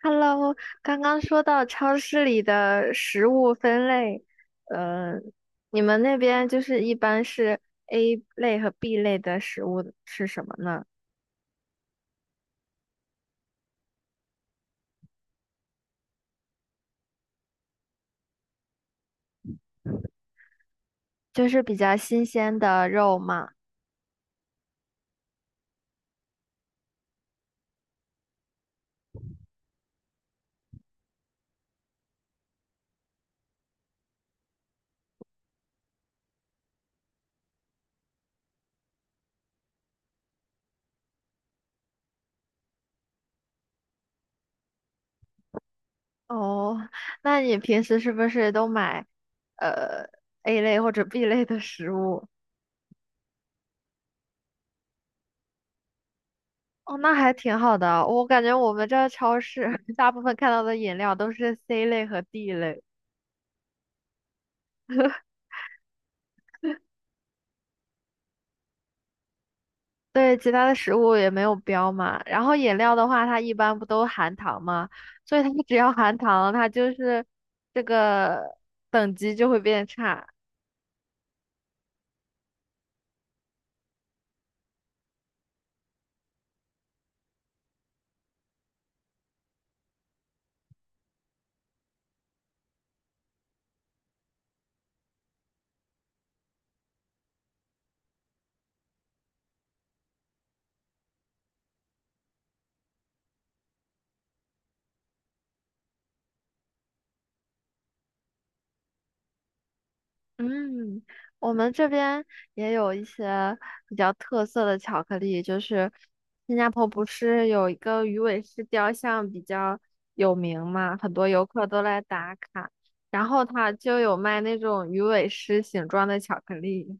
Hello，刚刚说到超市里的食物分类，呃，你们那边就是一般是 A 类和 B 类的食物是什么呢？就是比较新鲜的肉嘛。哦，那你平时是不是都买呃 A 类或者 B 类的食物？哦，那还挺好的啊。我感觉我们这超市 大部分看到的饮料都是 C 类和 D 类。对，其他的食物也没有标嘛。然后饮料的话，它一般不都含糖嘛，所以它 只要含糖，它就是这个等级就会变差。嗯，我们这边也有一些比较特色的巧克力，就是新加坡不是有一个鱼尾狮雕像比较有名嘛，很多游客都来打卡，然后它就有卖那种鱼尾狮形状的巧克力。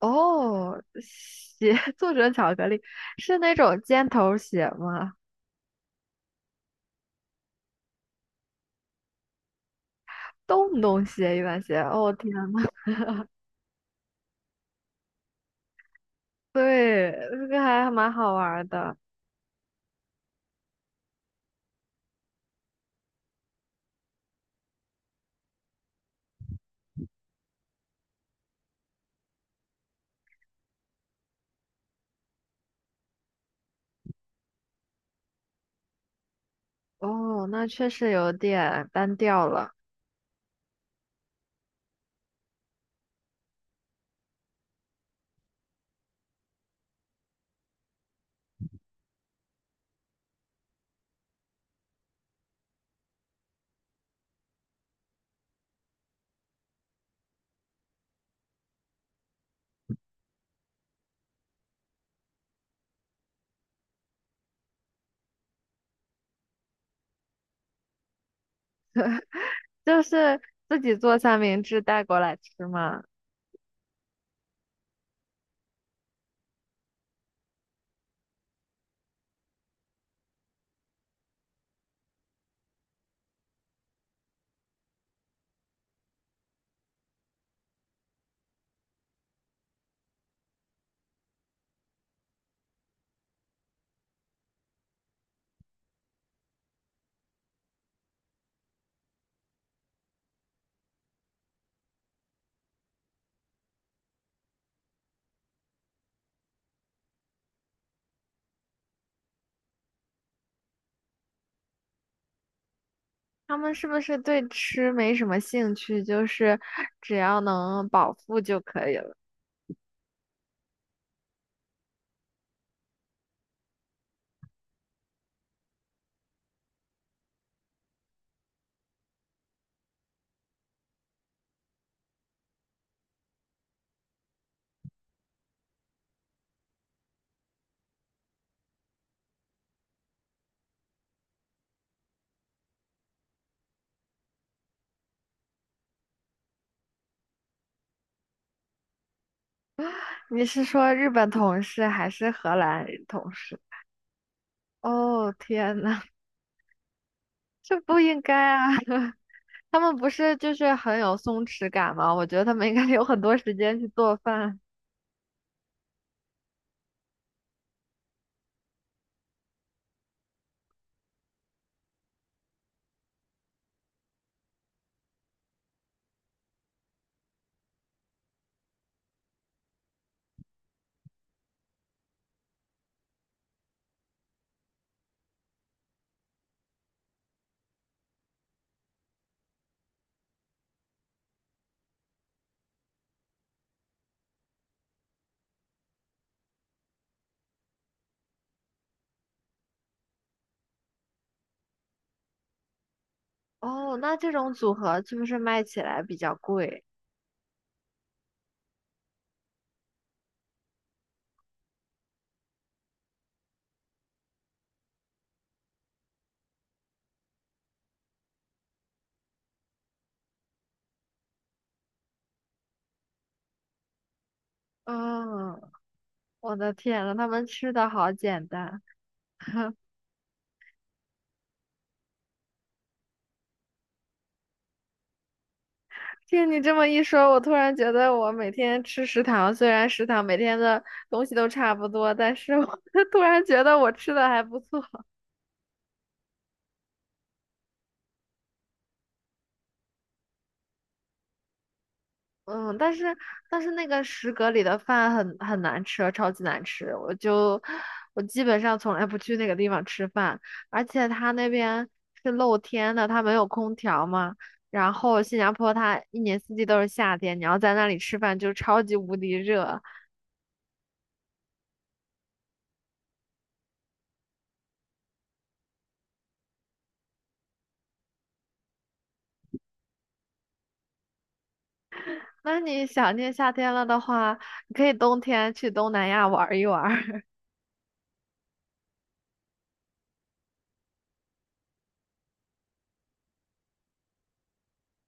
哦，鞋 作者巧克力是那种尖头鞋吗？洞洞鞋、一般鞋。哦，天呐，对，这个还蛮好玩儿的。哦，那确实有点单调了。就是自己做三明治带过来吃嘛。他们是不是对吃没什么兴趣？就是只要能饱腹就可以了。你是说日本同事还是荷兰同事？哦，天呐，这不应该啊！他们不是就是很有松弛感吗？我觉得他们应该 有很多时间去做饭。哦，那这种组合是不是卖起来比较贵？嗯，我的天呐，他们吃的好简单。听你这么一说，我突然觉得我每天吃食堂，虽然食堂每天的东西都差不多，但是我 突然觉得我吃的还不错。嗯，但是那个食阁里的饭很难吃，超级难吃。我基本上从来不去那个地方吃饭，而且它那边是露天的，它没有空调嘛。然后新加坡它一年四季都是夏天，你要在那里吃饭就超级无敌热。那你想念夏天了的话，你可以冬天去东南亚玩一玩儿。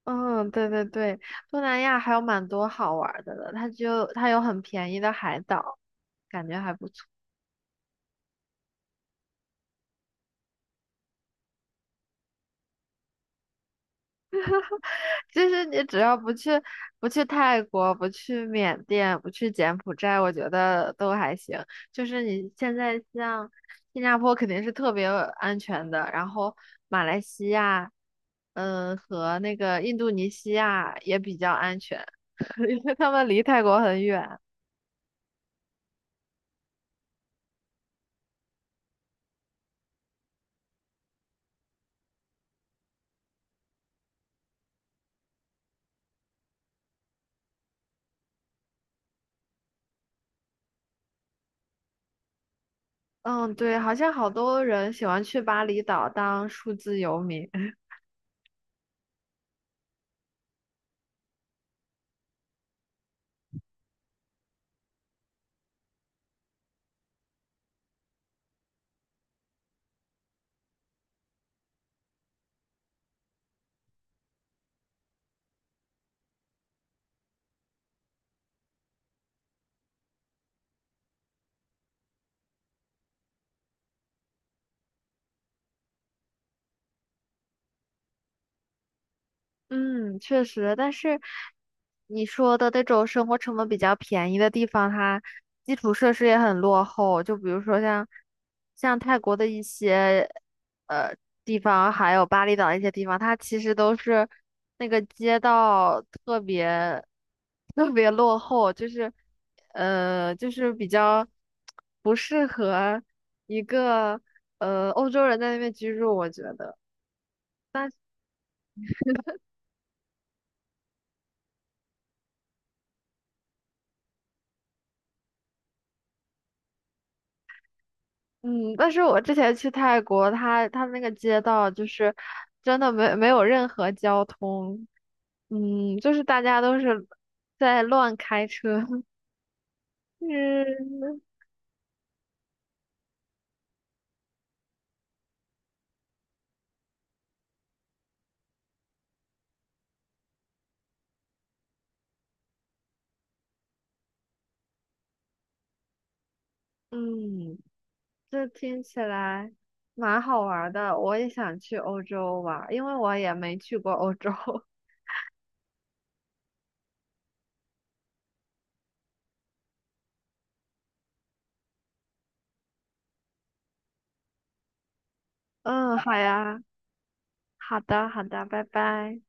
嗯，对对对，东南亚还有蛮多好玩儿的了，它有很便宜的海岛，感觉还不错。就是你只要不去泰国，不去缅甸，不去柬埔寨，我觉得都还行。就是你现在像新加坡肯定是特别安全的，然后马来西亚，嗯，和那个印度尼西亚也比较安全，因为他们离泰国很远。嗯，对，好像好多人喜欢去巴厘岛当数字游民。嗯，确实，但是你说的那种生活成本比较便宜的地方，它基础设施也很落后。就比如说像泰国的一些呃地方，还有巴厘岛一些地方，它其实都是那个街道特别落后，就是比较不适合一个欧洲人在那边居住，我觉得。嗯，但是我之前去泰国，它那个街道就是真的没有任何交通，嗯，就是大家都是在乱开车，嗯嗯，这听起来蛮好玩儿的，我也想去欧洲玩儿因为我也没去过欧洲。嗯，好呀，好的好的，拜拜。